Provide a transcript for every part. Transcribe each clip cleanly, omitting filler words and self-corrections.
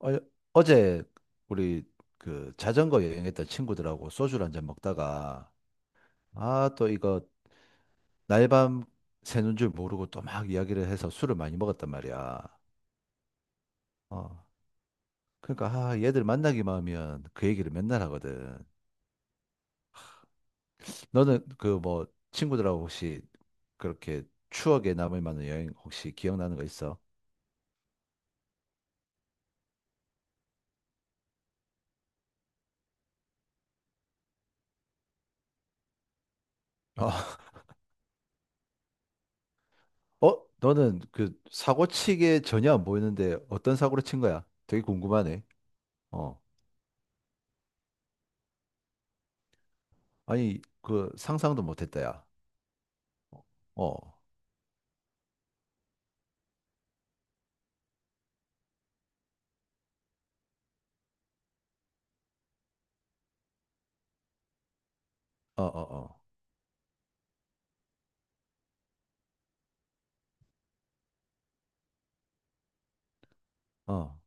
어, 어제 우리 그 자전거 여행했던 친구들하고 소주를 한잔 먹다가 아, 또 이거 날 밤 새는 줄 모르고 또 막 이야기를 해서 술을 많이 먹었단 말이야. 어. 그러니까 아, 얘들 만나기만 하면 그 얘기를 맨날 하거든. 너는 그 뭐 친구들하고 혹시 그렇게 추억에 남을 만한 여행 혹시 기억나는 거 있어? 어, 어? 너는 그 사고 치게 전혀 안 보이는데 어떤 사고를 친 거야? 되게 궁금하네. 어. 아니, 그 상상도 못했다, 야. 어, 어, 어, 어, 어,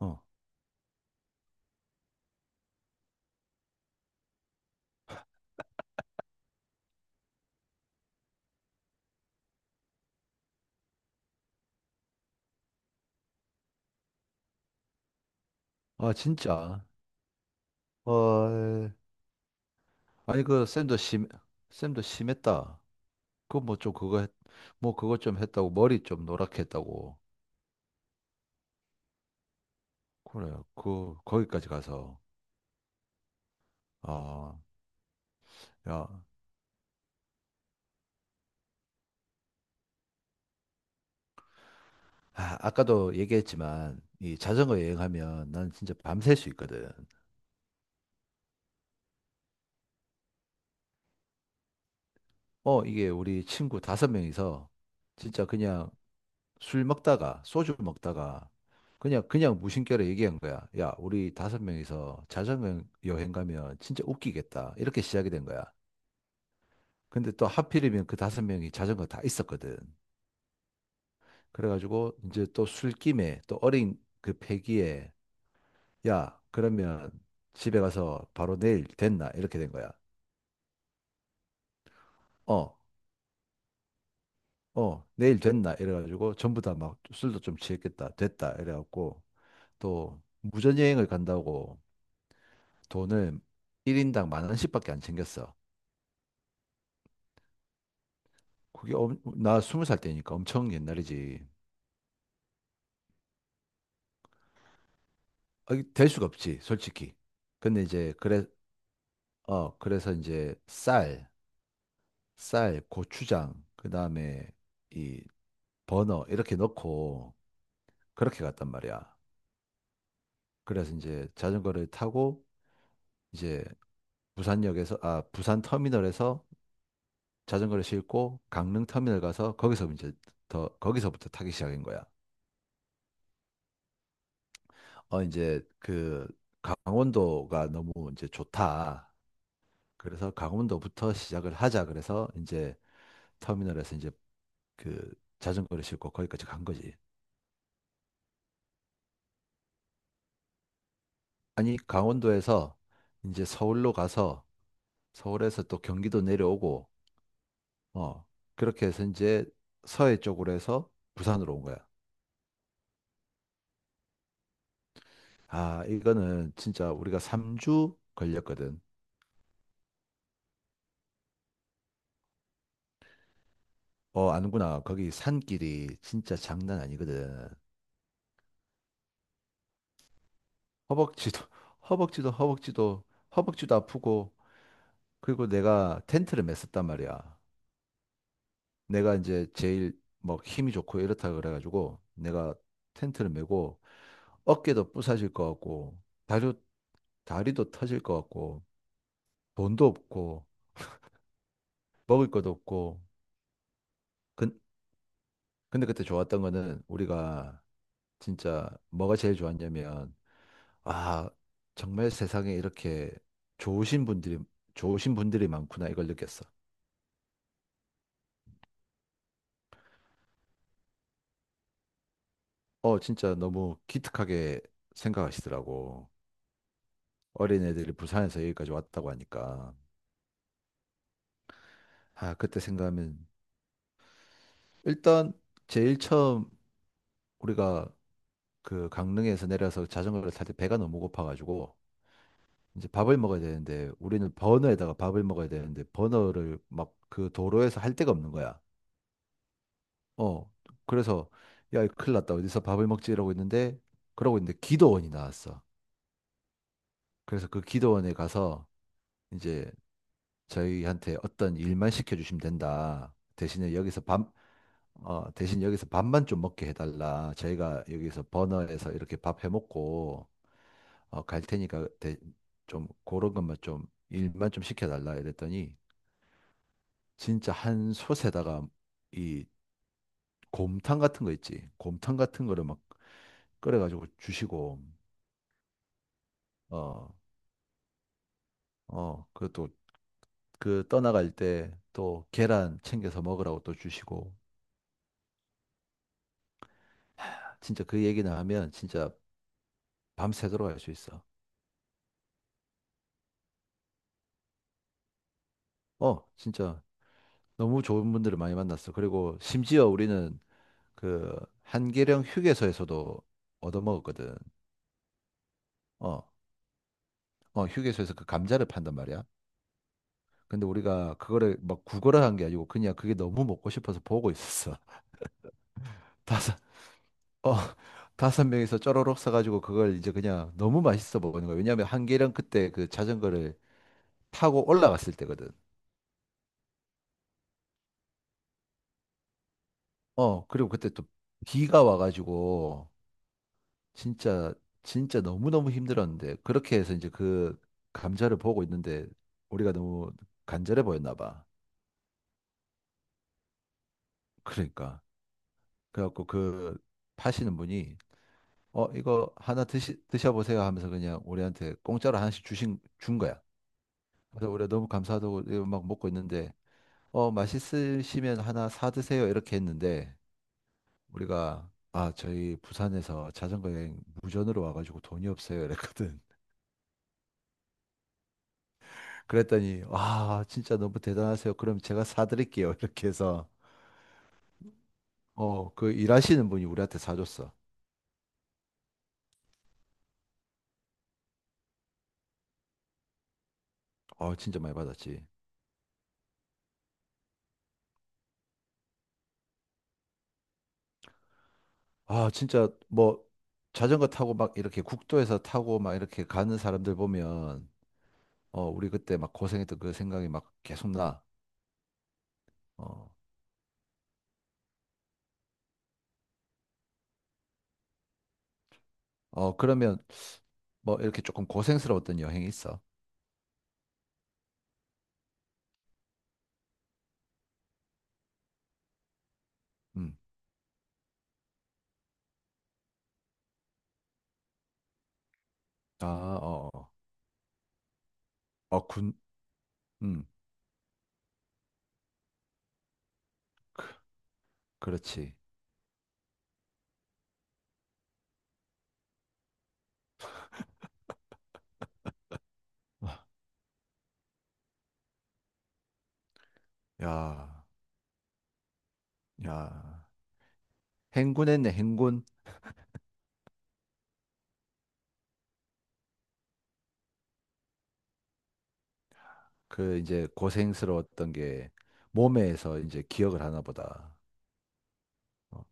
어. 아, 진짜. 헐. 아니, 쌤도 심했다. 그 뭐 좀 그거, 했, 뭐 그거 좀 했다고 머리 좀 노랗게 했다고. 그래, 그 거기까지 가서. 아, 야. 아, 아까도 얘기했지만 이 자전거 여행하면 난 진짜 밤샐 수 있거든. 어, 이게 우리 친구 5명이서 진짜 그냥 술 먹다가 소주 먹다가 그냥 무심결에 얘기한 거야. 야, 우리 5명이서 자전거 여행 가면 진짜 웃기겠다. 이렇게 시작이 된 거야. 근데 또 하필이면 그 5명이 자전거 다 있었거든. 그래가지고 이제 또 술김에 또 어린 그 패기에 야, 그러면 집에 가서 바로 내일 됐나? 이렇게 된 거야. 어, 어, 내일 됐나? 이래가지고 전부 다 막 술도 좀 취했겠다. 됐다. 이래갖고 또 무전여행을 간다고 돈을 1인당 10,000원씩밖에 안 챙겼어. 나 20살 때니까 엄청 옛날이지. 아, 이게 될 수가 없지, 솔직히. 근데 이제 그래서 이제 쌀, 고추장, 그다음에 이 버너 이렇게 넣고 그렇게 갔단 말이야. 그래서 이제 자전거를 타고 이제 부산 터미널에서 자전거를 싣고 강릉 터미널 가서 거기서 이제 더 거기서부터 타기 시작인 거야. 어, 이제 그 강원도가 너무 이제 좋다. 그래서 강원도부터 시작을 하자. 그래서 이제 터미널에서 이제 그 자전거를 싣고 거기까지 간 거지. 아니, 강원도에서 이제 서울로 가서 서울에서 또 경기도 내려오고, 어, 그렇게 해서 이제 서해 쪽으로 해서 부산으로 온 거야. 아, 이거는 진짜 우리가 3주 걸렸거든. 어, 아는구나. 거기 산길이 진짜 장난 아니거든. 허벅지도 허벅지도 허벅지도 허벅지도 아프고 그리고 내가 텐트를 맸었단 말이야. 내가 이제 제일 뭐 힘이 좋고 이렇다 그래가지고 내가 텐트를 메고 어깨도 부서질 것 같고 다리 다리도 터질 것 같고 돈도 없고 먹을 것도 없고 근, 근데 그때 좋았던 거는 우리가 진짜 뭐가 제일 좋았냐면 아 정말 세상에 이렇게 좋으신 분들이 좋으신 분들이 많구나 이걸 느꼈어. 어, 진짜 너무 기특하게 생각하시더라고. 어린애들이 부산에서 여기까지 왔다고 하니까. 아, 그때 생각하면 일단 제일 처음 우리가 그 강릉에서 내려서 자전거를 탈 때 배가 너무 고파가지고 이제 밥을 먹어야 되는데 우리는 버너에다가 밥을 먹어야 되는데 버너를 막 그 도로에서 할 데가 없는 거야. 어, 그래서 야, 이거 큰일 났다. 어디서 밥을 먹지? 이러고 있는데 그러고 있는데 기도원이 나왔어. 그래서 그 기도원에 가서 이제 저희한테 어떤 일만 시켜주시면 된다. 대신에 여기서 밥, 어, 대신 여기서 밥만 좀 먹게 해달라. 저희가 여기서 버너에서 이렇게 밥 해먹고, 어, 좀 그런 것만 좀 일만 좀 시켜달라. 이랬더니 진짜 한 솥에다가 이 곰탕 같은 거 있지. 곰탕 같은 거를 막 끓여가지고 주시고, 어, 어, 그것도 그 떠나갈 때 또 계란 챙겨서 먹으라고 또 주시고, 진짜 그 얘기나 하면 진짜 밤새도록 할 수 있어. 어, 진짜 너무 좋은 분들을 많이 만났어. 그리고 심지어 우리는 그 한계령 휴게소에서도 얻어먹었거든. 어, 어, 휴게소에서 그 감자를 판단 말이야. 근데 우리가 그거를 막 구걸을 한 게 아니고 그냥 그게 너무 먹고 싶어서 보고 있었어. 다섯, 어, 5명이서 쪼로록 사가지고 그걸 이제 그냥 너무 맛있어 먹는 거야. 왜냐하면 한계령 그때 그 자전거를 타고 올라갔을 때거든. 어, 그리고 그때 또 비가 와가지고 진짜 너무너무 힘들었는데 그렇게 해서 이제 그 감자를 보고 있는데 우리가 너무 간절해 보였나 봐. 그러니까 그래갖고 그 파시는 분이 어 이거 하나 드시 드셔보세요 하면서 그냥 우리한테 공짜로 하나씩 주신 준 거야. 그래서 우리가 너무 감사하다고 이거 막 먹고 있는데 어 맛있으시면 하나 사 드세요 이렇게 했는데 우리가 아 저희 부산에서 자전거 여행 무전으로 와가지고 돈이 없어요 이랬거든. 그랬더니 아 진짜 너무 대단하세요. 그럼 제가 사드릴게요. 이렇게 해서 어 그 일하시는 분이 우리한테 사줬어. 어 진짜 많이 받았지. 아 진짜 뭐 자전거 타고 막 이렇게 국도에서 타고 막 이렇게 가는 사람들 보면 어 우리 그때 막 고생했던 그 생각이 막 계속 나. 어, 어 그러면 뭐 이렇게 조금 고생스러웠던 여행이 있어. 음. 아, 어. 어, 어, 군. 음. 그, 그렇지. 와, 야. 야. 행군했네, 행군. 그 이제 고생스러웠던 게 몸에서 이제 기억을 하나 보다. 어,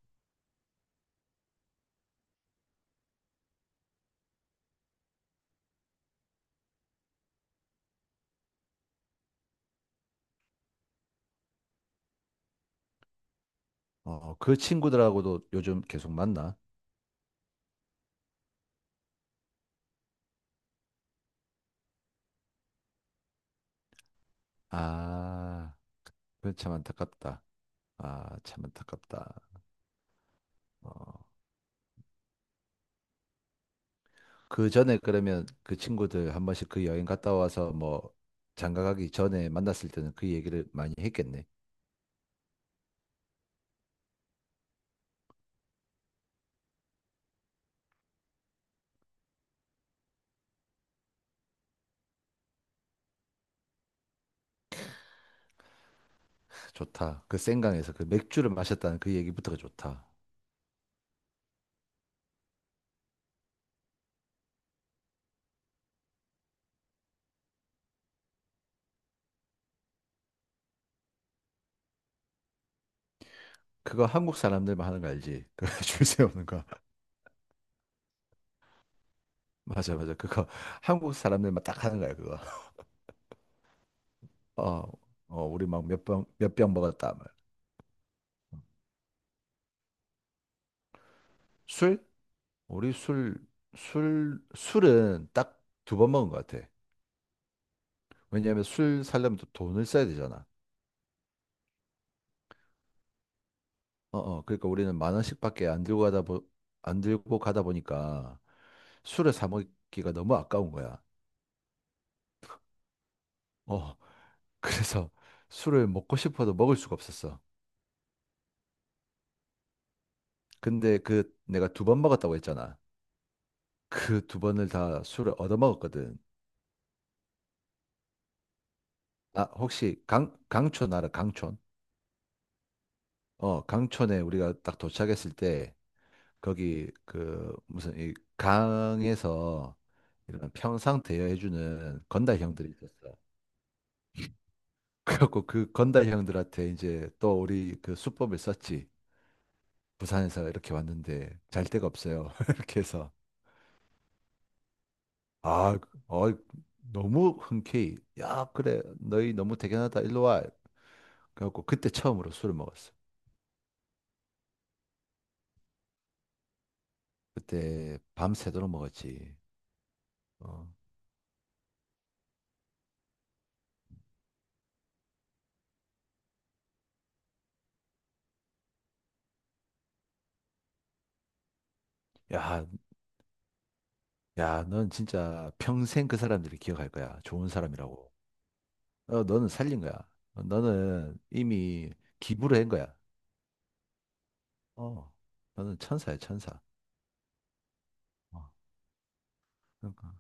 어, 어, 그 친구들하고도 요즘 계속 만나? 아, 그건 참 안타깝다. 아, 참 안타깝다. 어, 그 전에 그러면 그 친구들 한 번씩 그 여행 갔다 와서 뭐 장가 가기 전에 만났을 때는 그 얘기를 많이 했겠네. 좋다. 그 생강에서 그 맥주를 마셨다는 그 얘기부터가 좋다. 그거 한국 사람들만 하는 거 알지? 그 줄 세우는 거. 맞아, 맞아. 그거 한국 사람들만 딱 하는 거야, 그거. 어, 어, 우리 막 몇 병 먹었다. 막. 술? 우리 술은 딱 2번 먹은 것 같아. 왜냐하면 술 사려면 또 돈을 써야 되잖아. 어, 어, 그러니까 우리는 10,000원씩밖에 안 들고 가다 보니까 술을 사 먹기가 너무 아까운 거야. 어, 그래서 술을 먹고 싶어도 먹을 수가 없었어. 근데 그 내가 2번 먹었다고 했잖아. 그 2번을 다 술을 얻어 먹었거든. 아, 혹시 강촌 알아? 강촌? 어, 강촌에 우리가 딱 도착했을 때 거기 그 무슨 이 강에서 이런 평상 대여해주는 건달 형들이 있었어. 그래갖고 그 건달 형들한테 이제 또 우리 그 수법을 썼지. 부산에서 이렇게 왔는데 잘 데가 없어요. 이렇게 해서 아, 어, 너무 흔쾌히 야 그래 너희 너무 대견하다 일로 와. 그래갖고 그때 처음으로 술을 먹었어. 그때 밤새도록 먹었지. 어. 야 야, 넌 진짜 평생 그 사람들이 기억할 거야. 좋은 사람이라고. 어, 너는 살린 거야. 어, 너는 이미 기부를 한 거야. 어, 너는 천사야, 천사. 어, 그러니까.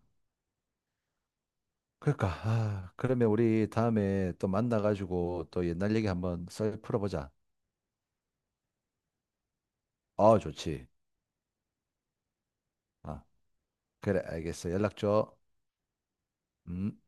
그러니까, 아, 그러면 우리 다음에 또 만나가지고 또 옛날 얘기 한번 썰 풀어보자. 어, 좋지. 아, 그래, 알겠어. 연락 줘. 음.